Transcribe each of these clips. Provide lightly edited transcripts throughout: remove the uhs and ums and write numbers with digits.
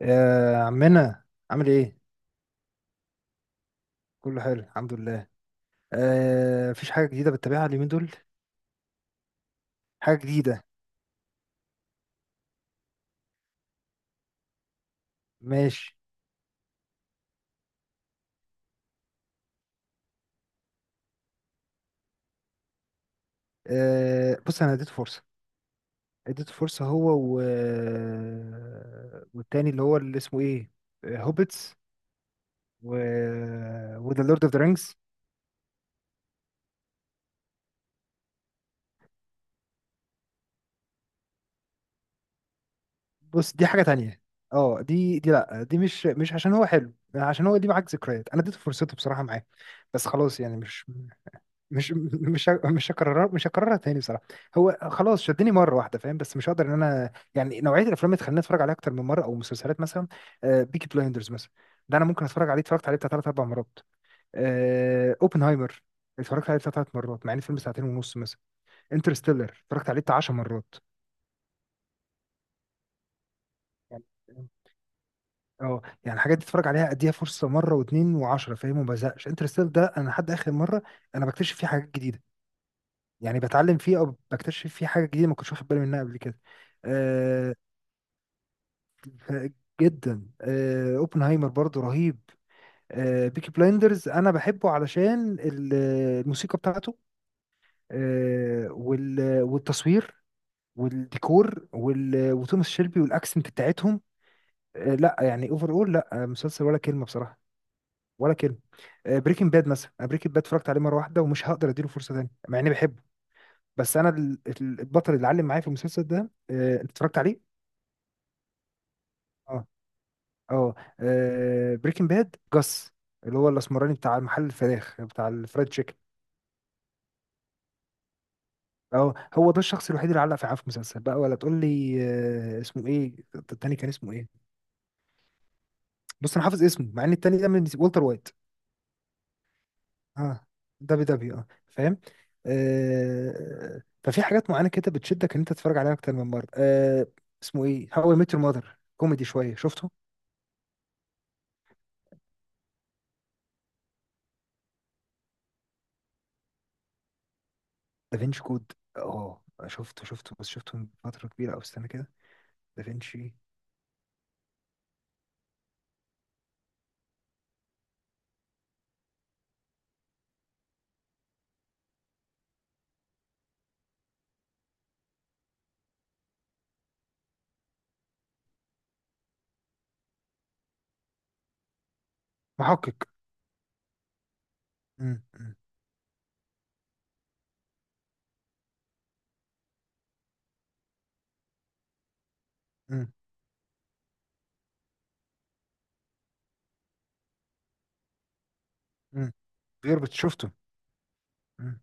يا عمنا، عامل ايه؟ كله حلو الحمد لله. آه، مفيش حاجة جديدة بتتابعها اليومين دول؟ حاجة جديدة. ماشي. آه بص، انا اديته فرصة. اديته فرصة هو و... آه، والتاني اللي هو اللي اسمه ايه؟ هوبيتس و... وذا لورد اوف ذا رينجز. بص دي حاجة تانية. اه دي لا، دي مش عشان هو حلو، عشان هو دي معاك ذكريات. انا اديته فرصته بصراحة معاه بس خلاص، يعني مش هكررها تاني بصراحه. هو خلاص شدني مره واحده فاهم، بس مش هقدر ان انا يعني نوعيه الافلام اللي تخليني اتفرج عليها اكتر من مره او مسلسلات مثلا. بيكي بلايندرز مثلا، ده انا ممكن اتفرج عليه. اتفرجت عليه بتاع ثلاث اربع مرات. اوبنهايمر اتفرجت عليه بتاع ثلاث مرات، مع ان الفيلم ساعتين ونص مثلا. انترستيلر اتفرجت عليه بتاع 10 مرات. يعني اه يعني الحاجات دي اتفرج عليها، اديها فرصه مره واثنين وعشرة فاهم، وما بزهقش. انترستيلر ده انا لحد اخر مره انا بكتشف فيه حاجات جديده، يعني بتعلم فيه او بكتشف فيه حاجه جديده ما كنتش واخد بالي منها قبل كده. آه ف- جدا. اوبنهايمر برضو رهيب. بيكي بلايندرز انا بحبه علشان الموسيقى بتاعته. والتصوير والديكور وتوماس شيلبي والاكسنت بتاعتهم. آه لا، يعني اوفر اول، لا مسلسل ولا كلمه بصراحه، ولا كلمه. بريكنج باد مثلا، انا بريكنج باد اتفرجت عليه مره واحده ومش هقدر اديله فرصه تانيه مع اني بحبه. بس انا البطل اللي علم معايا في المسلسل ده انت اتفرجت عليه. اه، اه، بريكنج باد جاس، اللي هو الاسمراني بتاع محل الفراخ بتاع الفرايد تشيكن. اه هو ده الشخص الوحيد اللي علق في، عارف مسلسل بقى ولا تقول لي. اسمه ايه التاني، كان اسمه ايه؟ بص انا حافظ اسمه، مع ان التاني ده من والتر وايت. اه دبي دبي، اه فاهم. آه ففي حاجات معينه كده بتشدك ان انت تتفرج عليها اكتر من مره آه. اسمه ايه هاو اي ميت يور ماذر، كوميدي شويه شفته. دافينشي كود، اه شفته. شفته بس شفته من فتره كبيره. او استنى كده، دافينشي. محقق. مم. مم. مم. مم. غير شفته. مم.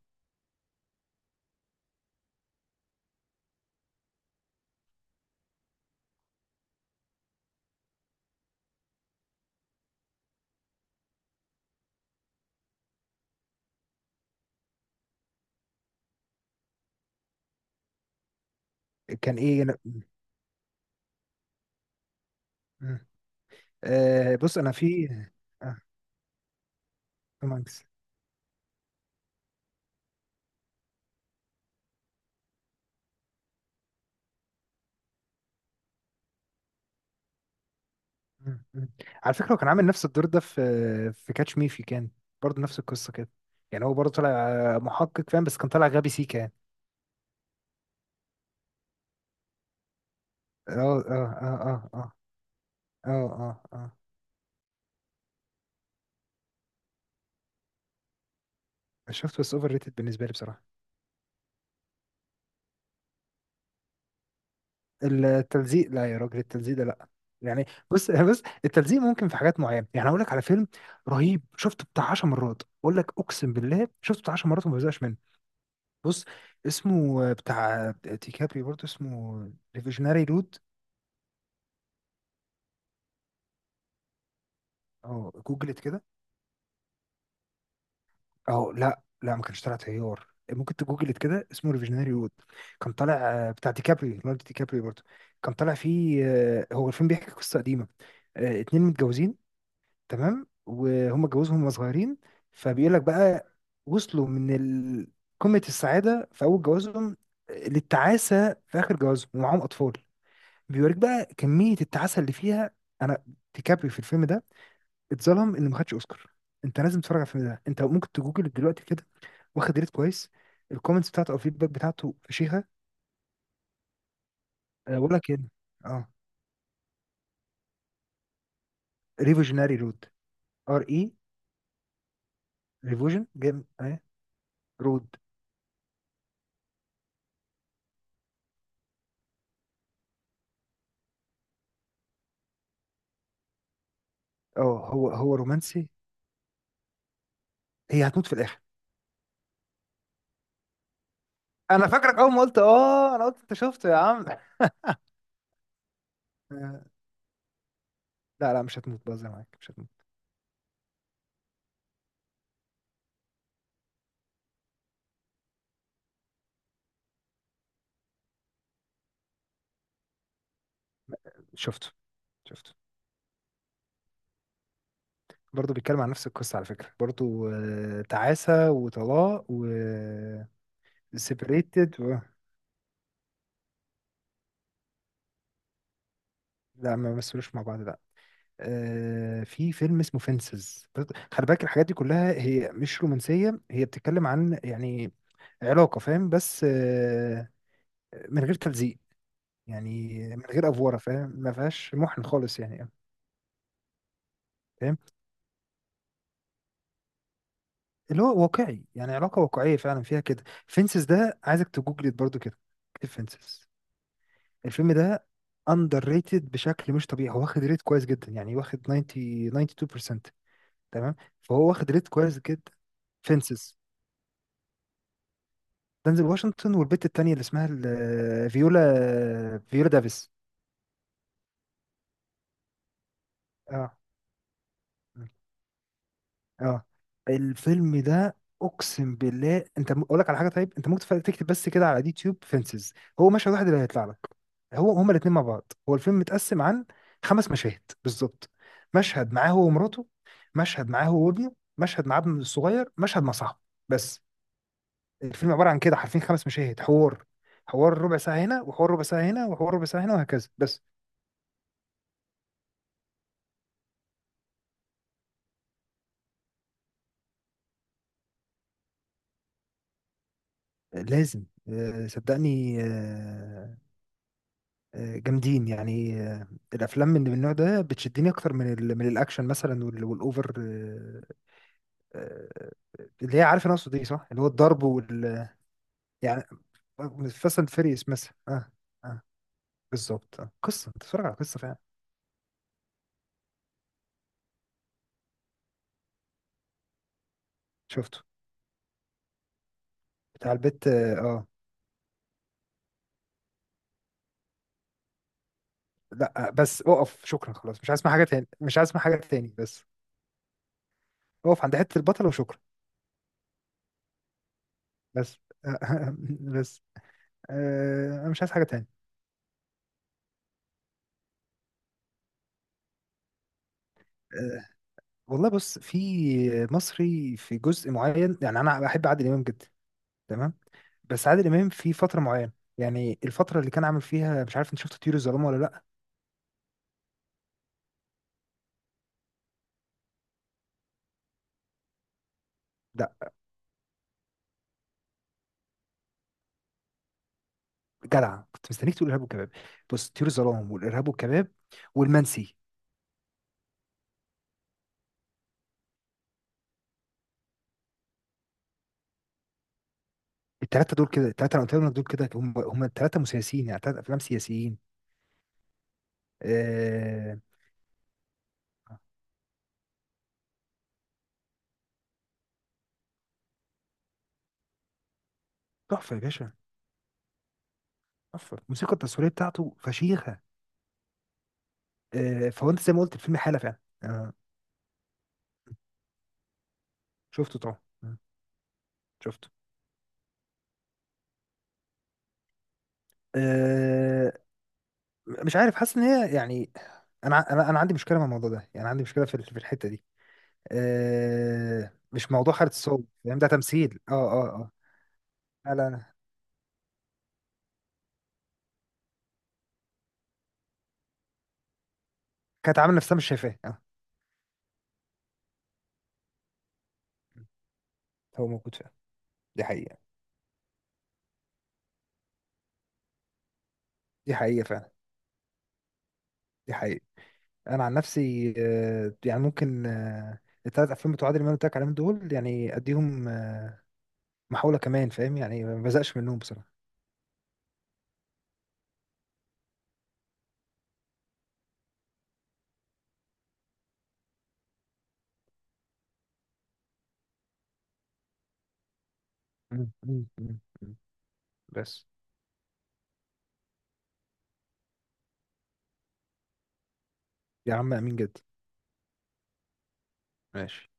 كان ايه مم. آه بص انا في. آه. توم هانكس. مم. مم. على فكره هو كان عامل نفس الدور ده في، في كاتش مي في كان. برضه نفس القصه كده، يعني هو برضه طلع محقق فاهم، بس كان طالع غبي سيكا يعني. اه اه اه، اه اه اه، اه اه. شفته، بس اوفر ريتد بالنسبه لي بصراحه. التلزيق لا يا راجل، التلزيق ده لا. يعني بص بص، التلزيق ممكن في حاجات معينه، يعني اقول لك على فيلم رهيب شفته بتاع 10 مرات، اقول لك اقسم بالله شفته بتاع 10 مرات وما بزهقش منه. بص، اسمه بتاع ديكابري برضه، اسمه ريفيجناري رود. اه جوجلت كده. اه لا لا، ما كانش طالع تيار، ممكن تجوجلت كده اسمه ريفيجناري رود. كان طالع بتاع ديكابري، ليوناردو ديكابري برضه. كان طالع فيه هو الفيلم بيحكي قصه قديمه، اتنين متجوزين، تمام، وهم اتجوزهم وهم صغيرين. فبيقول لك بقى وصلوا من قمة السعادة في أول جوازهم للتعاسة في آخر جوازهم ومعاهم أطفال. بيوريك بقى كمية التعاسة اللي فيها. أنا، ديكابري في الفيلم ده اتظلم إنه ما خدش أوسكار. أنت لازم تتفرج على الفيلم ده. أنت ممكن تجوجل دلوقتي كده، واخد ريت كويس، الكومنتس بتاعته أو الفيدباك بتاعته فشيخة. أه، بقول لك إيه. أه، ريفوجيناري رود. ار إي، ريفوجن جيم أه، رود. أه. هو هو رومانسي، هي هتموت في الآخر. انا فاكرك اول ما قلت اه، انا قلت انت شفته يا عم. آه، لا لا، مش هتموت، بهزر معاك، مش هتموت. شفته، شفته. برضه بيتكلم عن نفس القصة على فكرة برضه، تعاسة وطلاق وسيبريتد لا ما مثلوش مع بعض، لا. في فيلم اسمه فينسز. خلي بالك الحاجات دي كلها هي مش رومانسية، هي بتتكلم عن يعني علاقة، فاهم، بس من غير تلزيق، يعني من غير أفورة، فاهم، ما فيهاش محن خالص يعني. فاهم، اللي هو واقعي، يعني علاقة واقعية فعلا فيها كده. فينسز ده عايزك تجوجلت برضو كده، اكتب فينسز. الفيلم ده اندر ريتد بشكل مش طبيعي، هو واخد ريت كويس جدا، يعني واخد 90، 92% تمام. فهو واخد ريت كويس جدا. فينسز، دنزل واشنطن والبت التانية اللي اسمها فيولا، فيولا دافيس. اه، اه. الفيلم ده اقسم بالله، انت اقول لك على حاجه، طيب انت ممكن تكتب بس كده على اليوتيوب فينسز، هو مشهد واحد اللي هيطلع لك. هو هما الاثنين مع بعض، هو الفيلم متقسم عن خمس مشاهد بالظبط. مشهد معاه هو ومراته، مشهد معاه هو وابنه، مشهد مع ابنه الصغير، مشهد مع صاحبه، بس. الفيلم عباره عن كده حرفيا خمس مشاهد حوار. حوار ربع ساعه هنا، وحوار ربع ساعه هنا، وحوار ربع ساعه هنا، وهكذا بس. لازم آه، صدقني آه، آه، جامدين يعني آه. الافلام من النوع ده بتشدني اكتر من ال، من الاكشن مثلا، والاوفر آه، اللي هي، عارف انا اقصد ايه صح، اللي هو الضرب وال، يعني فاست اند فيريوس مثلا. اه، اه، بالظبط. آه. قصه، انت بتتفرج على قصه فعلا. شفته، بتاع البيت، اه. آه. لا بس اقف شكرا خلاص، مش عايز اسمع حاجه تاني، مش عايز اسمع حاجه تاني بس. اقف عند حته البطل وشكرا. بس آه، بس انا مش عايز حاجه تاني. آه، والله بص في مصري في جزء معين، يعني انا بحب عادل امام جدا، تمام. بس عادل امام في فتره معينه، يعني الفتره اللي كان عامل فيها. مش عارف انت شفت طيور الظلام ولا لا. لا جدع، كنت مستنيك تقول ارهاب والكباب. بص طيور الظلام والارهاب والكباب والمنسي. الثلاثه دول كده، الثلاثه انا قلت لك دول كده هم هم، الثلاثه مسيسيين، يعني ثلاث افلام سياسيين. آه، تحفه يا باشا، تحفه. الموسيقى التصويريه بتاعته فشيخه فهو انت زي ما قلت الفيلم حاله فعلا آه. شفته طبعا آه، شفته. آه، مش عارف، حاسس ان هي يعني. انا انا عندي مشكله مع الموضوع ده، يعني عندي مشكله في في الحته دي. أه مش موضوع حاره الصوت فاهم، ده تمثيل اه اه اه. لا لا لا. كانت عامله نفسها مش شايفاه اه. هو موجود فعلا، دي حقيقه، دي حقيقه فعلا، دي حقيقه. انا عن نفسي أه يعني ممكن أه، الثلاث افلام بتوع عادل امام اللي قلت لك عليهم دول يعني اديهم محاوله كمان فاهم، يعني ما بزقش منهم بصراحه. مم، مم، مم، مم. بس. يا عم امين جدا. ماشي.